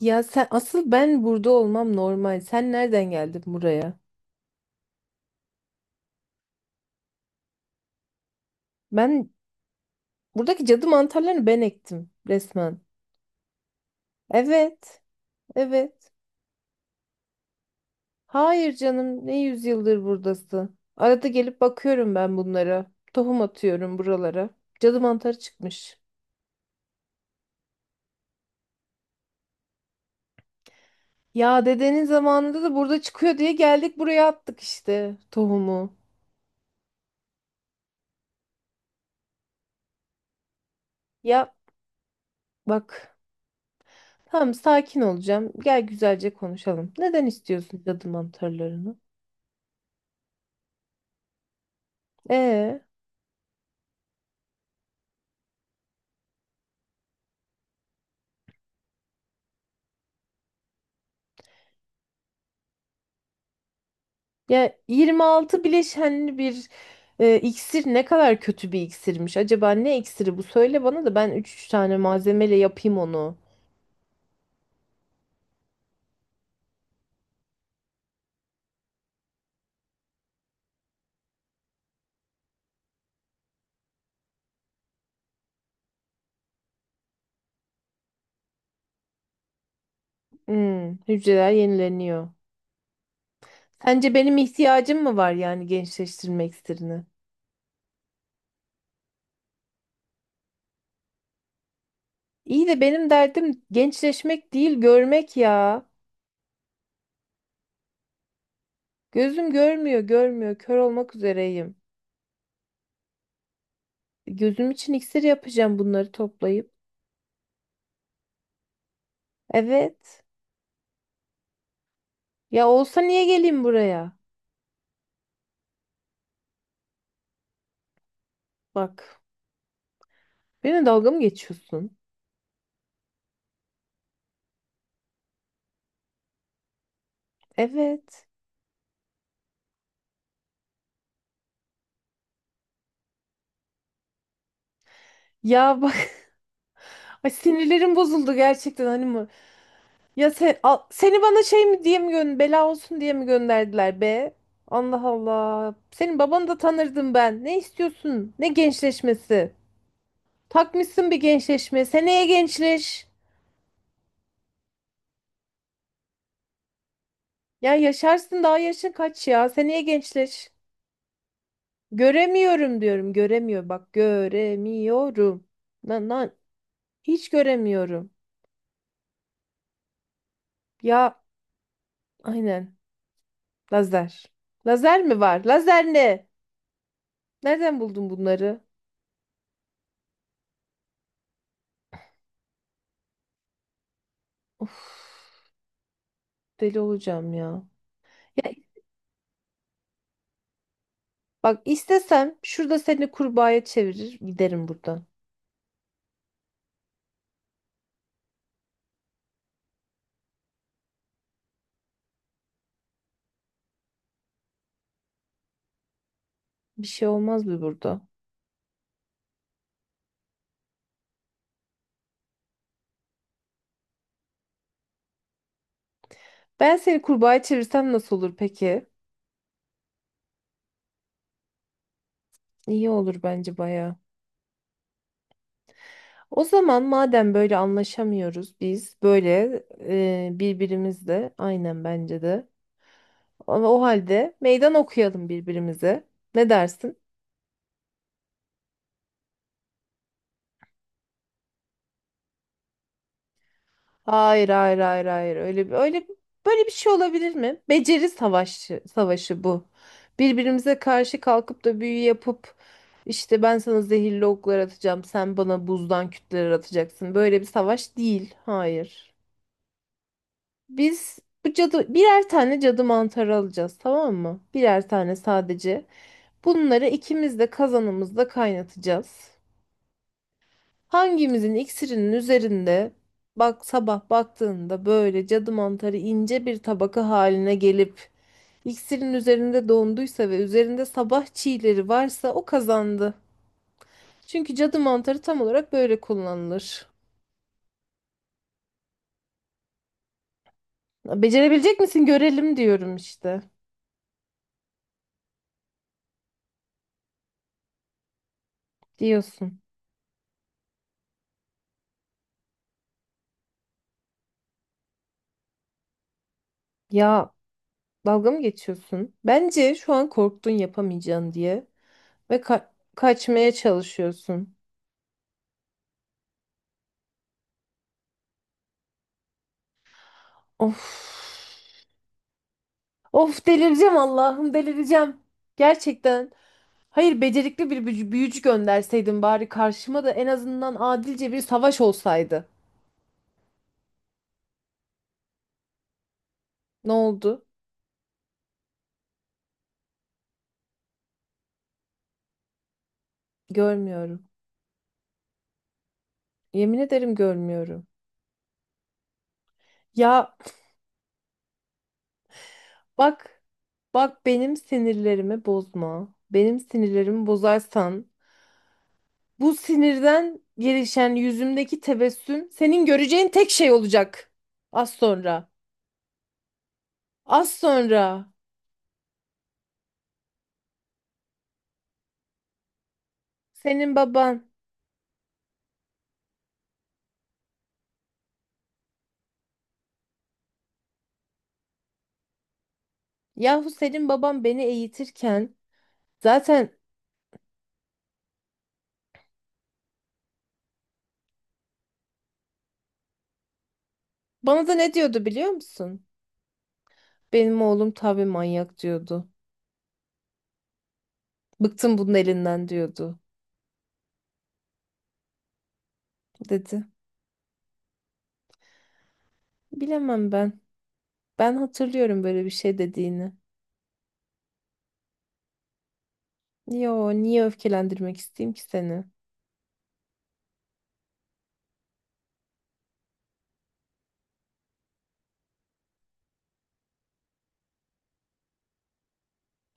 Ya sen asıl, ben burada olmam normal. Sen nereden geldin buraya? Ben buradaki cadı mantarlarını ben ektim resmen. Evet. Evet. Hayır canım, ne yüzyıldır buradasın. Arada gelip bakıyorum ben bunlara. Tohum atıyorum buralara. Cadı mantarı çıkmış. Ya dedenin zamanında da burada çıkıyor diye geldik, buraya attık işte tohumu. Ya bak. Tamam, sakin olacağım. Gel güzelce konuşalım. Neden istiyorsun cadı mantarlarını? Ee? Ya 26 bileşenli bir iksir, ne kadar kötü bir iksirmiş. Acaba ne iksiri bu? Söyle bana da ben üç tane malzemeyle yapayım onu. Hmm, hücreler yenileniyor. Sence benim ihtiyacım mı var yani gençleştirme iksirini? İyi de benim derdim gençleşmek değil, görmek ya. Gözüm görmüyor, görmüyor. Kör olmak üzereyim. Gözüm için iksir yapacağım bunları toplayıp. Evet. Ya olsa niye geleyim buraya? Bak. Benimle dalga mı geçiyorsun? Evet. Ya bak, ay sinirlerim bozuldu gerçekten, hani mı? Ya sen, seni bana şey mi diye mi, gön bela olsun diye mi gönderdiler be? Allah Allah. Senin babanı da tanırdım ben. Ne istiyorsun? Ne gençleşmesi? Takmışsın bir gençleşme. Seneye gençleş. Ya yaşarsın, daha yaşın kaç ya? Seneye gençleş. Göremiyorum diyorum. Göremiyor, bak göremiyorum. Lan lan, hiç göremiyorum. Ya aynen. Lazer. Lazer mi var? Lazer ne? Nereden buldun bunları? Of, deli olacağım ya. Ya bak, istesem şurada seni kurbağaya çevirir giderim buradan. Bir şey olmaz mı burada? Ben seni kurbağaya çevirsem nasıl olur peki? İyi olur bence baya. O zaman madem böyle anlaşamıyoruz biz, böyle birbirimizle, aynen bence de. Ama o halde meydan okuyalım birbirimize. Ne dersin? Hayır hayır hayır hayır, öyle bir öyle böyle bir şey olabilir mi? Beceri savaşı bu. Birbirimize karşı kalkıp da büyü yapıp işte, ben sana zehirli oklar atacağım, sen bana buzdan kütleler atacaksın. Böyle bir savaş değil. Hayır. Biz bu cadı birer tane cadı mantarı alacağız, tamam mı? Birer tane sadece. Bunları ikimiz de kazanımızda kaynatacağız. Hangimizin iksirinin üzerinde, bak sabah baktığında böyle cadı mantarı ince bir tabaka haline gelip iksirin üzerinde donduysa ve üzerinde sabah çiğleri varsa, o kazandı. Çünkü cadı mantarı tam olarak böyle kullanılır. Becerebilecek misin görelim diyorum işte. Diyorsun. Ya dalga mı geçiyorsun? Bence şu an korktun yapamayacağın diye ve ka- kaçmaya çalışıyorsun. Of. Of, delireceğim Allah'ım, delireceğim. Gerçekten. Hayır, becerikli bir büyücü gönderseydin bari karşıma, da en azından adilce bir savaş olsaydı. Ne oldu? Görmüyorum. Yemin ederim görmüyorum. Ya bak, benim sinirlerimi bozma. Benim sinirlerimi bozarsan bu sinirden gelişen yüzümdeki tebessüm senin göreceğin tek şey olacak. Az sonra. Az sonra. Senin baban. Yahu senin babam beni eğitirken zaten bana da ne diyordu biliyor musun? Benim oğlum tabii manyak diyordu. Bıktım bunun elinden diyordu, dedi. Bilemem ben. Ben hatırlıyorum böyle bir şey dediğini. Yo, niye öfkelendirmek isteyeyim ki seni?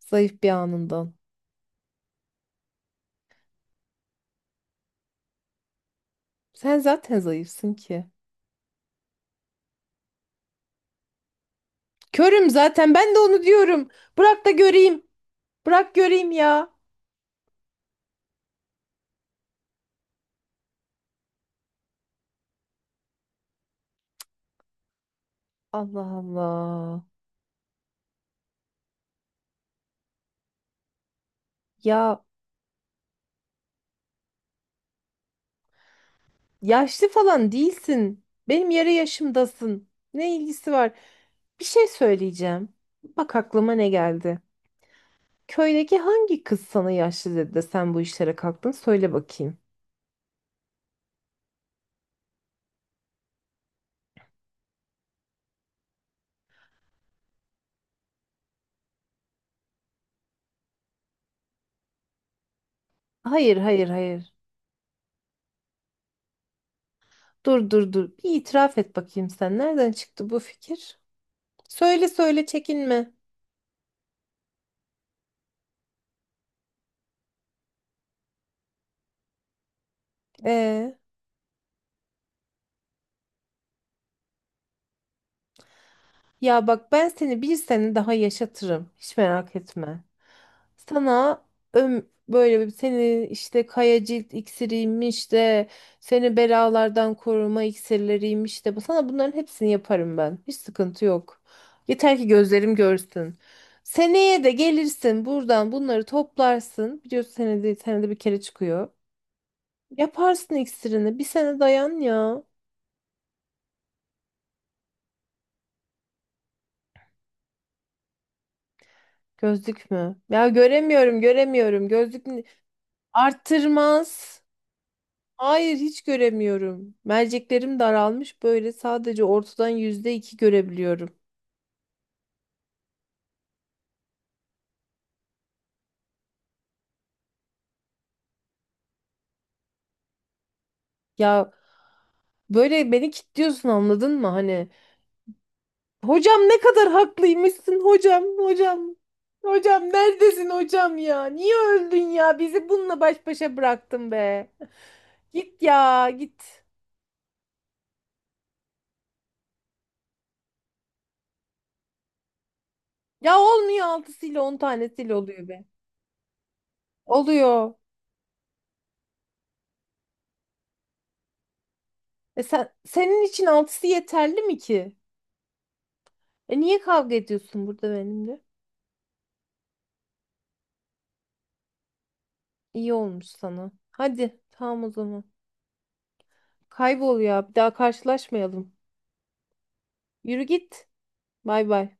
Zayıf bir anından. Sen zaten zayıfsın ki. Körüm zaten, ben de onu diyorum. Bırak da göreyim. Bırak göreyim ya. Allah Allah. Ya, yaşlı falan değilsin. Benim yarı yaşımdasın. Ne ilgisi var? Bir şey söyleyeceğim. Bak aklıma ne geldi. Köydeki hangi kız sana yaşlı dedi de sen bu işlere kalktın? Söyle bakayım. Hayır, hayır, hayır. Dur, dur, dur. Bir itiraf et bakayım sen. Nereden çıktı bu fikir? Söyle, söyle, çekinme. Ee? Ya bak, ben seni bir sene daha yaşatırım. Hiç merak etme. Sana böyle bir, seni işte kaya cilt iksiriymiş de seni belalardan koruma iksirleriymiş de sana bunların hepsini yaparım ben. Hiç sıkıntı yok. Yeter ki gözlerim görsün. Seneye de gelirsin buradan bunları toplarsın. Biliyorsun senede bir kere çıkıyor. Yaparsın iksirini. Bir sene dayan ya. Gözlük mü? Ya göremiyorum, göremiyorum. Gözlük arttırmaz. Hayır, hiç göremiyorum. Merceklerim daralmış, böyle sadece ortadan %2 görebiliyorum. Ya böyle beni kilitliyorsun, anladın mı? Hani hocam, ne kadar haklıymışsın hocam, hocam. Hocam neredesin hocam ya? Niye öldün ya? Bizi bununla baş başa bıraktın be. Git ya git. Ya olmuyor altısıyla, on tanesiyle oluyor be. Oluyor. E sen, senin için altısı yeterli mi ki? E niye kavga ediyorsun burada benimle? İyi olmuş sana. Hadi tamam o zaman. Kaybol ya. Bir daha karşılaşmayalım. Yürü git. Bay bay.